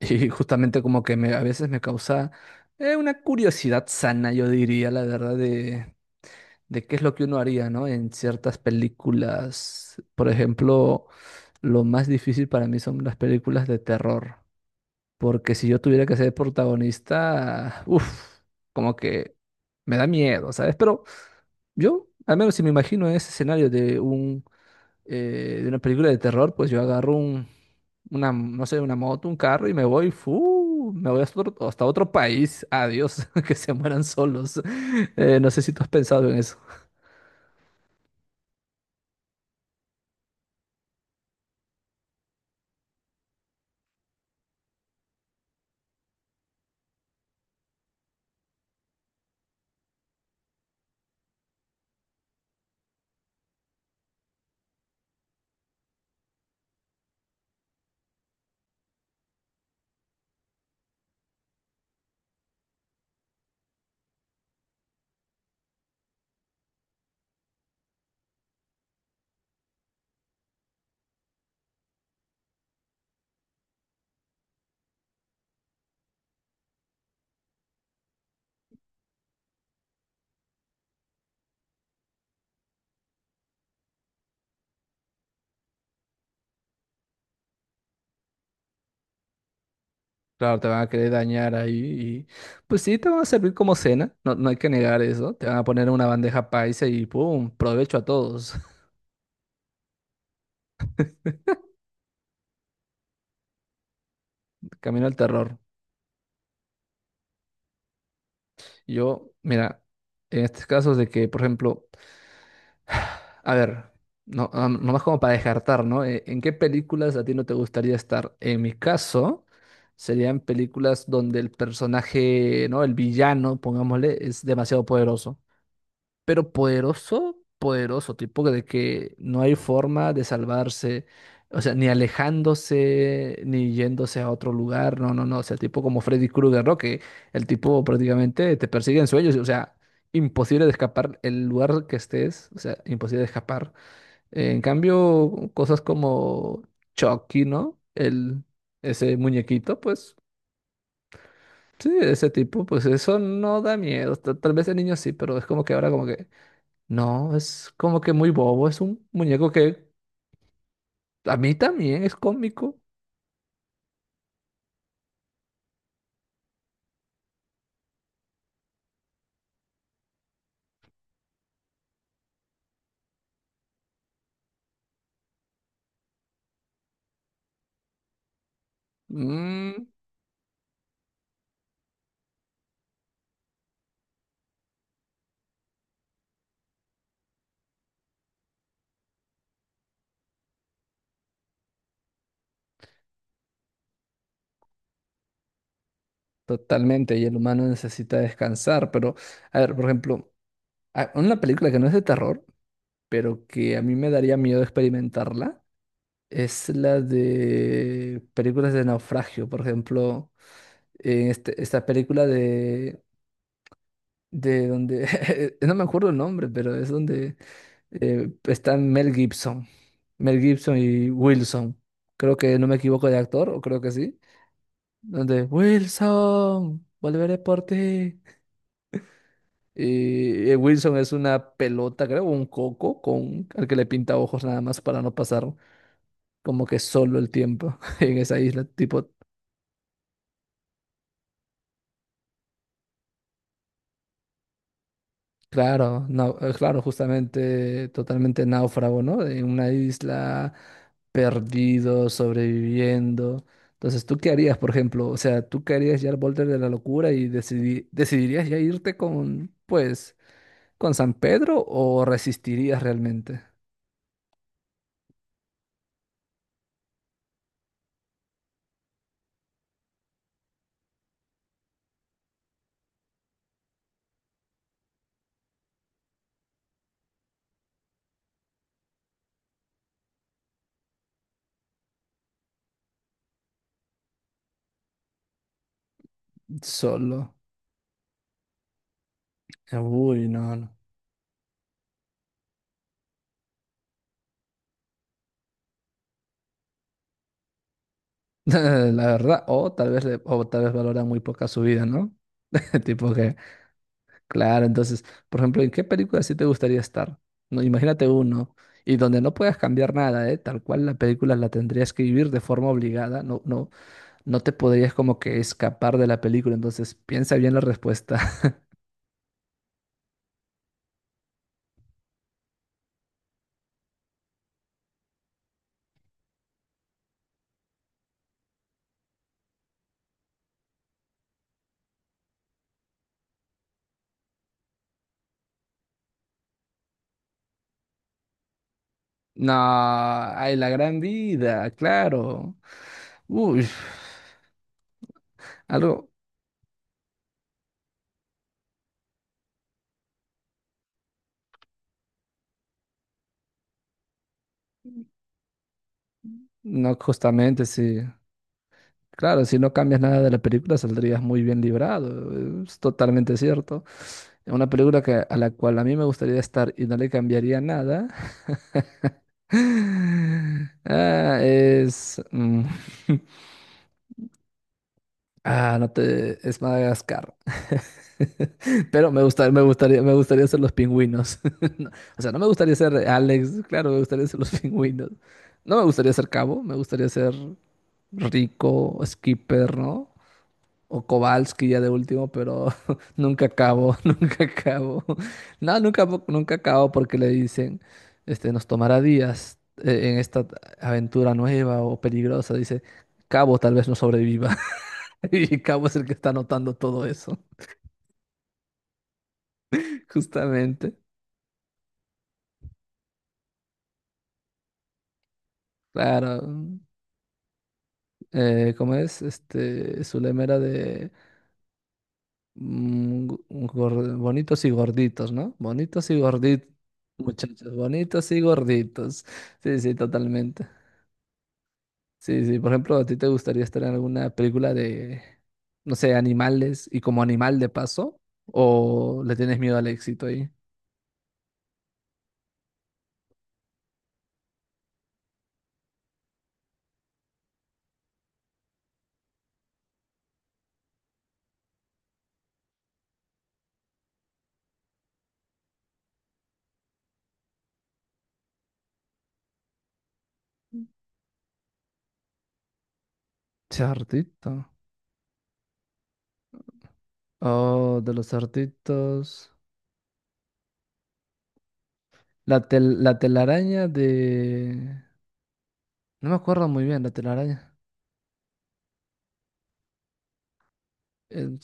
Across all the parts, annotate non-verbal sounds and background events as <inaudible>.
Y justamente como que me, a veces me causa una curiosidad sana, yo diría, la verdad, de qué es lo que uno haría, ¿no? En ciertas películas. Por ejemplo, lo más difícil para mí son las películas de terror. Porque si yo tuviera que ser protagonista, uff, como que me da miedo, ¿sabes? Pero yo, al menos si me imagino ese escenario de de una película de terror, pues yo agarro un una, no sé, una moto, un carro y me voy, ¡fu! Me voy hasta hasta otro país. Adiós, <laughs> que se mueran solos. No sé si tú has pensado en eso. Claro, te van a querer dañar ahí y pues sí, te van a servir como cena, no, no hay que negar eso. Te van a poner una bandeja paisa y ¡pum! Provecho a todos. <laughs> Camino al terror. Yo, mira, en estos casos de que, por ejemplo, a ver, nomás como para descartar, ¿no? ¿En qué películas a ti no te gustaría estar? En mi caso, serían películas donde el personaje, ¿no? El villano, pongámosle, es demasiado poderoso, pero poderoso, poderoso, tipo de que no hay forma de salvarse, o sea, ni alejándose, ni yéndose a otro lugar, no, no, no, o sea, tipo como Freddy Krueger, ¿no? Que el tipo prácticamente te persigue en sueños, o sea, imposible de escapar el lugar que estés, o sea, imposible de escapar. En cambio, cosas como Chucky, ¿no? El, ese muñequito, pues... Sí, ese tipo, pues eso no da miedo. Tal vez el niño sí, pero es como que ahora como que no, es como que muy bobo, es un muñeco que a mí también es cómico. Mm, totalmente, y el humano necesita descansar, pero a ver, por ejemplo, una película que no es de terror, pero que a mí me daría miedo experimentarla, es la de películas de naufragio, por ejemplo, esta película de donde, <laughs> no me acuerdo el nombre, pero es donde... está Mel Gibson. Mel Gibson y Wilson. Creo que no me equivoco de actor, o creo que sí. Donde Wilson, volveré por ti. Y Wilson es una pelota, creo, un coco con al que le pinta ojos nada más para no pasar como que solo el tiempo <laughs> en esa isla. Tipo, claro, claro, justamente totalmente náufrago, ¿no? De una isla perdido, sobreviviendo. Entonces, ¿tú qué harías, por ejemplo? O sea, ¿tú qué harías ya al borde de la locura y decidirías ya irte con, pues, con San Pedro o resistirías realmente solo? Uy, no, no. <laughs> La verdad, o tal vez, o tal vez valora muy poca su vida, ¿no? <laughs> Tipo que... Claro, entonces, por ejemplo, ¿en qué película sí te gustaría estar? No, imagínate uno, y donde no puedas cambiar nada, ¿eh? Tal cual la película la tendrías que vivir de forma obligada, no, no, no te podrías como que escapar de la película, entonces piensa bien la respuesta. <laughs> No, ay, la gran vida, claro. Uy, algo, no, justamente sí. Claro, si no cambias nada de la película saldrías muy bien librado, es totalmente cierto. Una película que, a la cual a mí me gustaría estar y no le cambiaría nada <laughs> ah, es... mm, <laughs> ah, no te... es Madagascar. <laughs> Pero me gusta, me gustaría ser los pingüinos. <laughs> No, o sea, no me gustaría ser Alex, claro, me gustaría ser los <laughs> pingüinos. No me gustaría ser Cabo, me gustaría ser Rico, Skipper, ¿no? O Kowalski ya de último, pero <laughs> nunca acabo, <laughs> nunca acabo. No, nunca acabo porque le dicen, este, nos tomará días en esta aventura nueva o peligrosa. Dice, Cabo tal vez no sobreviva. <laughs> Y Cabo es el que está anotando todo eso. <laughs> Justamente. Claro. ¿Cómo es? Este, su era de mm, gu- bonitos y gorditos, ¿no? Bonitos y gorditos, muchachos, bonitos y gorditos. Sí, sí, totalmente. Sí, sí, por ejemplo, ¿a ti te gustaría estar en alguna película de, no sé, animales y como animal de paso? ¿O le tienes miedo al éxito ahí? Chartito. Oh, de los artitos. La telaraña de... No me acuerdo muy bien, la telaraña. El...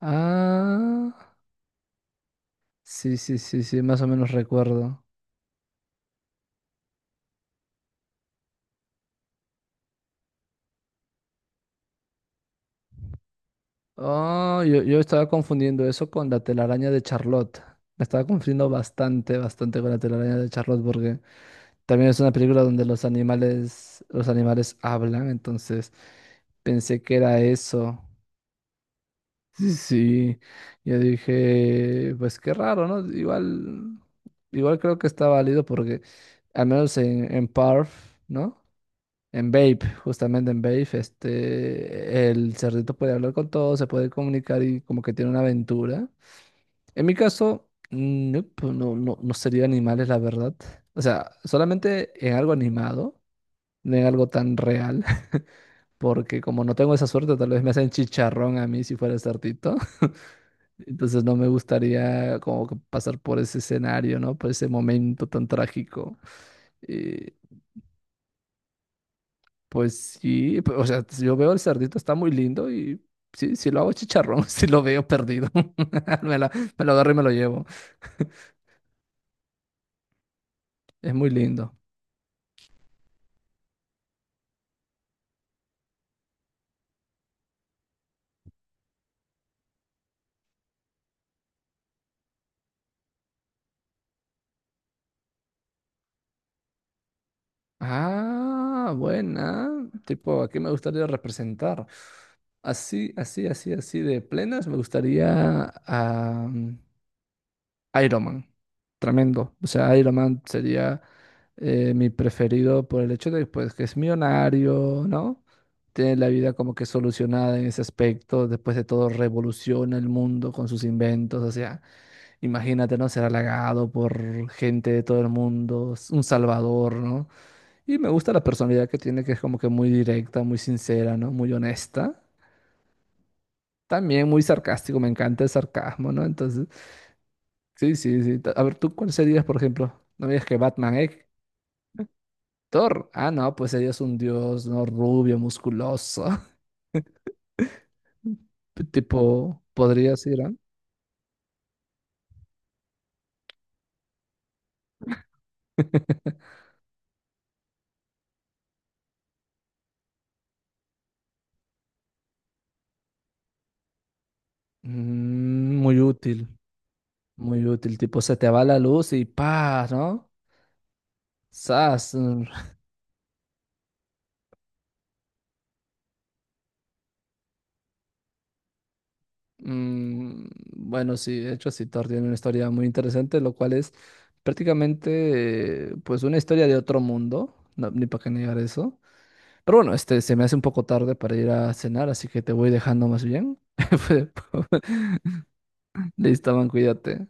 Ah, sí, sí, sí, sí, más o menos recuerdo. Oh, yo estaba confundiendo eso con la telaraña de Charlotte. La estaba confundiendo bastante con la telaraña de Charlotte porque... También es una película donde los animales hablan, entonces pensé que era eso. <laughs> Sí, sí. Yo dije, pues qué raro, ¿no? Igual creo que está válido porque al menos en Parf, ¿no? En Babe, justamente en Babe, este, el cerdito puede hablar con todos, se puede comunicar y como que tiene una aventura. En mi caso, nope, no, no, no sería animales, la verdad. O sea, solamente en algo animado, no en algo tan real, <laughs> porque como no tengo esa suerte, tal vez me hacen chicharrón a mí si fuera sartito. <laughs> Entonces no me gustaría como que pasar por ese escenario, ¿no? Por ese momento tan trágico. Y pues sí, o sea, yo veo el cerdito, está muy lindo y sí, sí lo hago chicharrón, <laughs> si lo veo perdido. <laughs> Me lo, me lo agarro y me lo llevo. Es muy lindo. Ah, buena. Tipo, ¿aquí me gustaría representar? Así, así, así, así de plenas, me gustaría Iron Man. Tremendo. O sea, Iron Man sería mi preferido por el hecho de pues, que es millonario, ¿no? Tiene la vida como que solucionada en ese aspecto. Después de todo, revoluciona el mundo con sus inventos. O sea, imagínate, ¿no? Ser halagado por gente de todo el mundo, un salvador, ¿no? Y me gusta la personalidad que tiene, que es como que muy directa, muy sincera, ¿no? Muy honesta. También muy sarcástico, me encanta el sarcasmo, ¿no? Entonces. Sí, sí, sí. A ver, ¿tú cuál serías, por ejemplo? No me digas que Batman, ¿eh? Thor. Ah, no, pues serías un dios, ¿no? Rubio, musculoso. <laughs> Tipo, podrías ir, ¿ah? Mm, muy útil, muy útil. Tipo, se te va la luz y ¡pah! ¿No? ¡Sas! Mm, <laughs> mm, bueno, sí, de hecho, sí, Thor tiene una historia muy interesante, lo cual es prácticamente, pues, una historia de otro mundo. No, ni para qué negar eso. Pero bueno, este se me hace un poco tarde para ir a cenar, así que te voy dejando más bien. <laughs> Listo, man, cuídate.